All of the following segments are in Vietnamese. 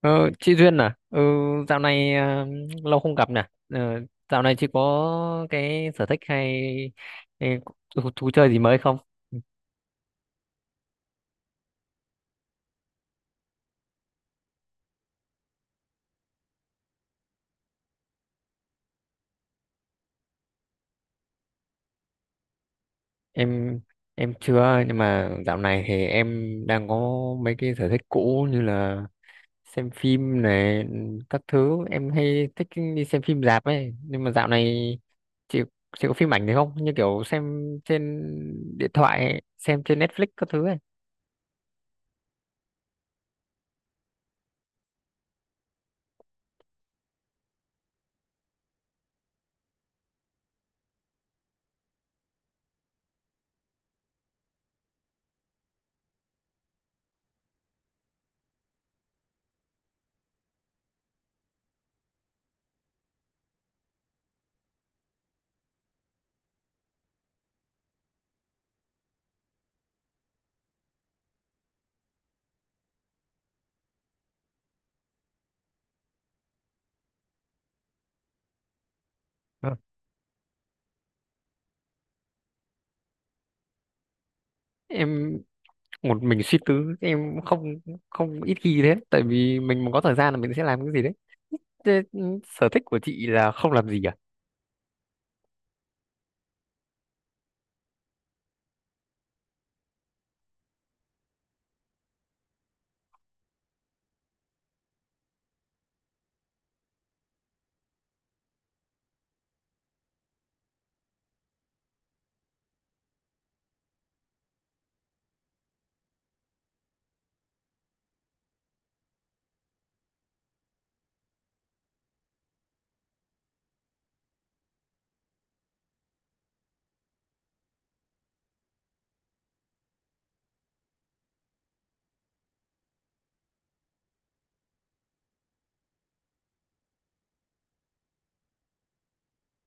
Ờ, chị Duyên à, dạo này à, lâu không gặp nè. Ờ, Dạo này chị có cái sở thích hay hay thú chơi gì mới không? Em em chưa, nhưng mà dạo này thì em đang có mấy cái sở thích cũ như là xem phim này, các thứ. Em hay thích đi xem phim rạp ấy, nhưng mà dạo này chị chị có phim ảnh gì không? Như kiểu xem trên điện thoại, xem trên Netflix các thứ ấy. Ờ, Em một mình suy tư em cũng không không ít khi thế, tại vì mình mà có thời gian là mình sẽ làm cái gì đấy. Thế, sở thích của chị là không làm gì à?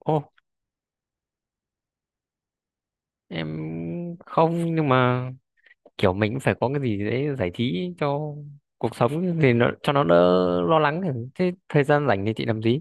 ô em không, nhưng mà kiểu mình cũng phải có cái gì đấy giải trí cho cuộc sống thì nó, cho nó đỡ lo lắng. Thế, thời gian rảnh thì chị làm gì?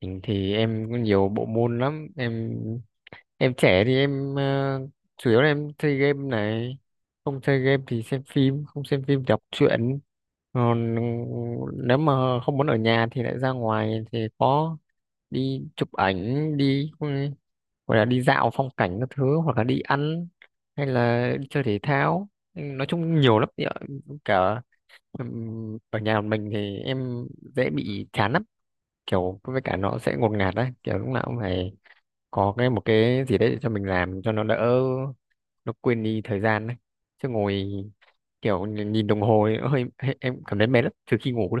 Mình thì em có nhiều bộ môn lắm em. Em trẻ thì em, chủ yếu là em chơi game này, không chơi game thì xem phim, không xem phim thì đọc truyện. Còn nếu mà không muốn ở nhà thì lại ra ngoài, thì có đi chụp ảnh, đi gọi là đi dạo phong cảnh các thứ, hoặc là đi ăn, hay là đi chơi thể thao. Ừ, nói chung nhiều lắm thì cả, ở nhà mình thì em dễ bị chán lắm, kiểu với cả nó sẽ ngột ngạt đấy, kiểu lúc nào cũng phải có cái một cái gì đấy để cho mình làm, cho nó đỡ, nó quên đi thời gian đấy, chứ ngồi kiểu nhìn nhìn đồng hồ ấy, hơi hơi- em cảm thấy mệt lắm, trừ khi ngủ thôi.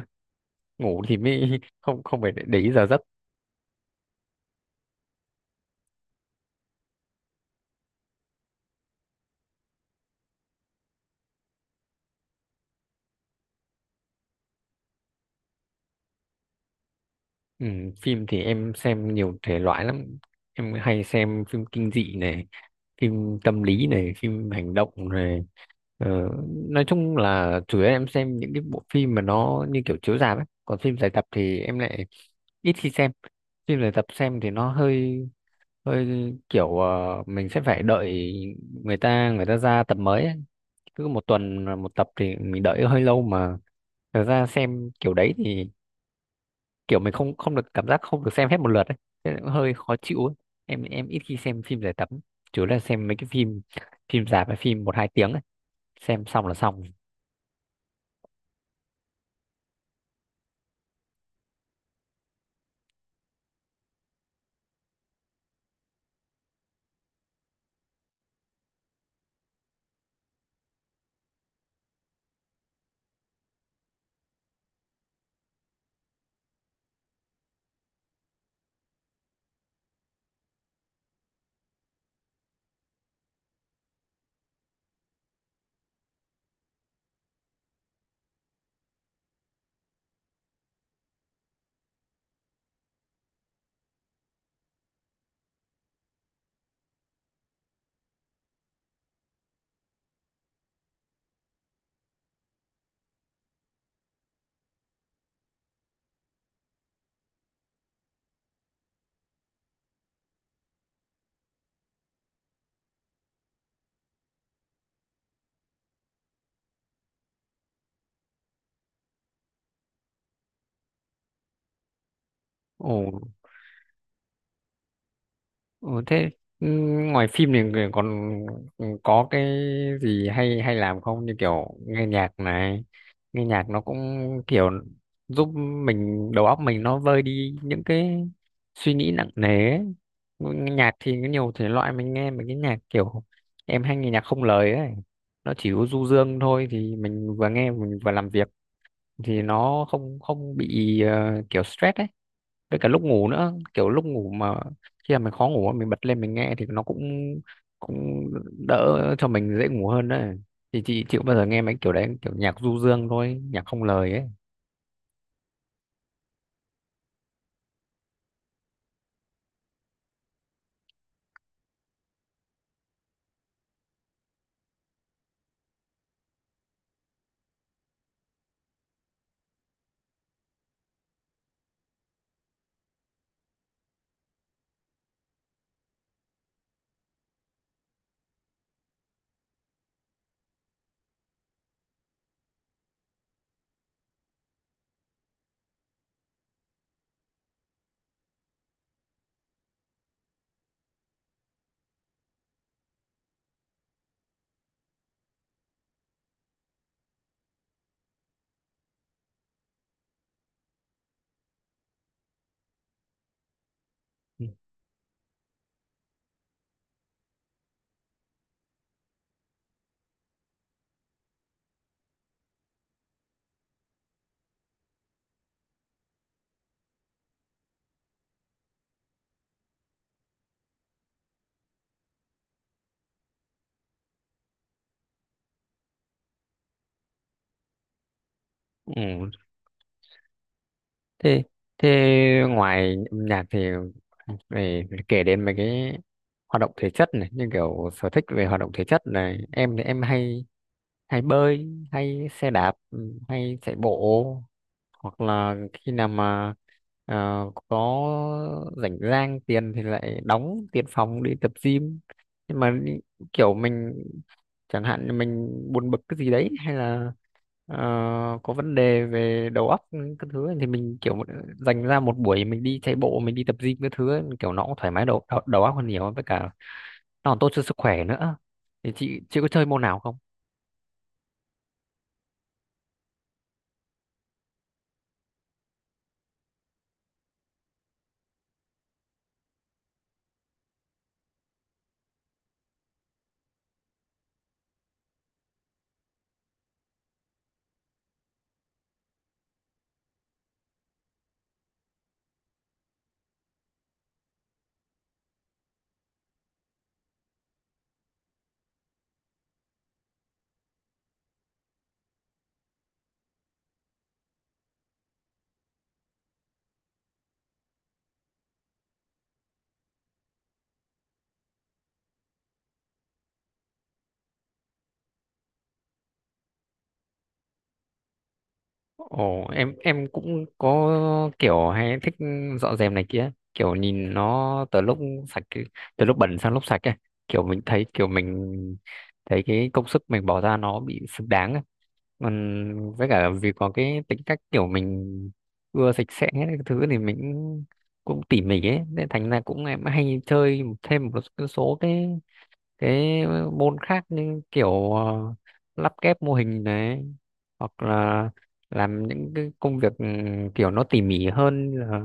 Ngủ thì mới không không phải để ý giờ giấc. Ừ, phim thì em xem nhiều thể loại lắm, em hay xem phim kinh dị này, phim tâm lý này, phim hành động này, ờ, nói chung là chủ yếu em xem những cái bộ phim mà nó như kiểu chiếu rạp ấy, còn phim dài tập thì em lại ít khi xem. Phim dài tập xem thì nó hơi hơi kiểu, mình sẽ phải đợi người ta ra tập mới ấy. Cứ một tuần là một tập thì mình đợi hơi lâu mà, thật ra xem kiểu đấy thì kiểu mình không không được cảm giác, không được xem hết một lượt ấy, thế là cũng hơi khó chịu ấy. Em ít khi xem phim giải tập, chủ yếu là xem mấy cái phim phim rạp hay phim một hai tiếng ấy. Xem xong là xong. Ồ. Ừ, thế, ừ, ngoài phim thì người còn có cái gì hay hay làm không, như kiểu nghe nhạc này? Nghe nhạc nó cũng kiểu giúp mình, đầu óc mình nó vơi đi những cái suy nghĩ nặng nề ấy. Nghe nhạc thì có nhiều thể loại, mình nghe mấy cái nhạc kiểu, em hay nghe nhạc không lời ấy, nó chỉ có du dương thôi thì mình vừa nghe mình vừa làm việc, thì nó không không bị kiểu stress ấy. Với cả lúc ngủ nữa, kiểu lúc ngủ mà khi mà mình khó ngủ mình bật lên mình nghe, thì nó cũng cũng đỡ, cho mình dễ ngủ hơn đấy. Thì chị chịu bao giờ nghe mấy kiểu đấy, kiểu nhạc du dương thôi, nhạc không lời ấy? Ừ. thế thế ngoài âm nhạc thì phải kể đến mấy cái hoạt động thể chất này, như kiểu sở thích về hoạt động thể chất này, em thì em hay hay bơi, hay xe đạp, hay chạy bộ. Hoặc là khi nào mà ờ, có rảnh rang tiền thì lại đóng tiền phòng đi tập gym, nhưng mà kiểu mình, chẳng hạn như mình buồn bực cái gì đấy hay là ờ, có vấn đề về đầu óc cái thứ ấy, thì mình kiểu dành ra một buổi mình đi chạy bộ, mình đi tập gym cái thứ ấy, kiểu nó cũng thoải mái đầu, đầu đầu óc hơn nhiều, với cả nó còn tốt cho sức khỏe nữa. Thì chị có chơi môn nào không? Ồ, em cũng có kiểu hay thích dọn dẹp này kia, kiểu nhìn nó sạch từ lúc bẩn sang lúc sạch ấy, kiểu mình thấy cái công sức mình bỏ ra nó bị xứng đáng ấy. Còn với cả vì có cái tính cách kiểu mình ưa sạch sẽ cái thứ thì mình cũng tỉ mỉ ấy, nên thành ra cũng em hay chơi thêm một số cái môn khác, như kiểu lắp ghép mô hình này, hoặc là làm những cái công việc, kiểu nó tỉ mỉ hơn là,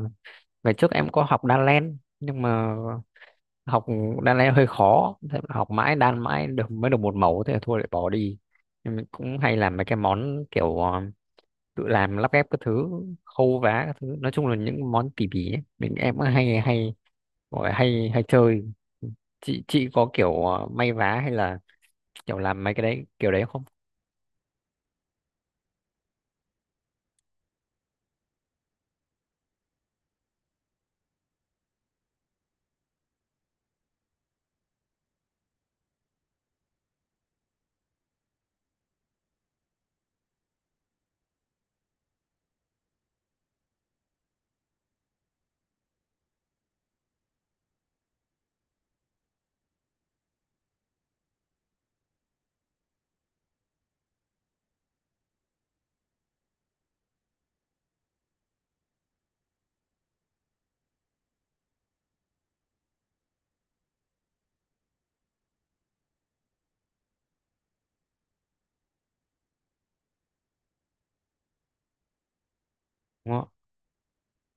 ngày trước em có học đan len nhưng mà học đan len hơi khó, thế mà học mãi đan mãi được, mới được một mẫu, thế là thôi lại bỏ đi. Nhưng mình cũng hay làm mấy cái món kiểu tự làm lắp ghép các thứ, khâu vá các thứ, nói chung là những món tỉ mỉ ấy. Mình em cũng hay hay gọi là hay hay chơi. Chị có kiểu may vá hay là kiểu làm mấy cái đấy kiểu đấy không? Đúng không?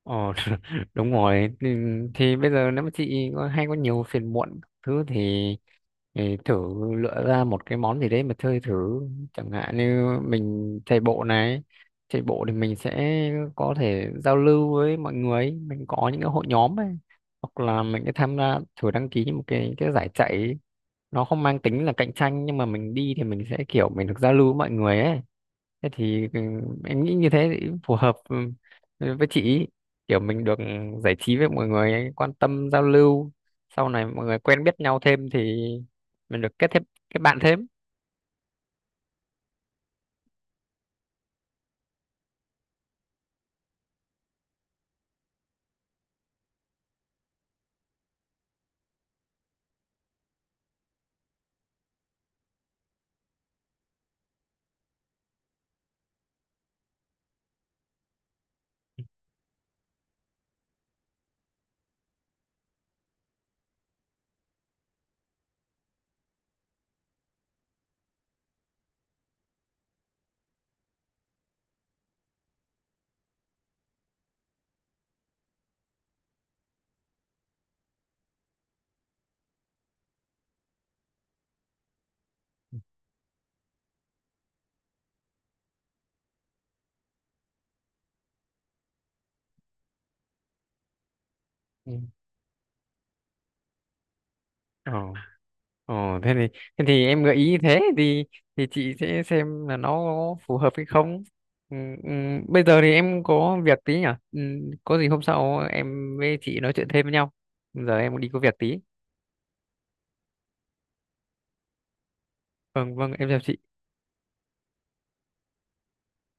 Ờ, đúng rồi, thì, bây giờ nếu mà chị có, hay có nhiều phiền muộn thứ thì, thử lựa ra một cái món gì đấy mà chơi thử. Chẳng hạn như mình chạy bộ này, chạy bộ thì mình sẽ có thể giao lưu với mọi người, mình có những cái hội nhóm ấy, hoặc là mình sẽ tham gia thử đăng ký một cái giải chạy. Nó không mang tính là cạnh tranh, nhưng mà mình đi thì mình sẽ kiểu mình được giao lưu với mọi người ấy. Thế thì em nghĩ như thế thì phù hợp với chị ý. Kiểu mình được giải trí với mọi người ấy, quan tâm giao lưu, sau này mọi người quen biết nhau thêm thì mình được kết bạn thêm. Ừ. ờ ờ thế thì em gợi ý như thế, thì chị sẽ xem là nó phù hợp hay không. ừ, ừ, Bây giờ thì em có việc tí nhỉ. ừ, có gì hôm sau em với chị nói chuyện thêm với nhau, giờ em đi có việc tí. Vâng vâng, em chào chị.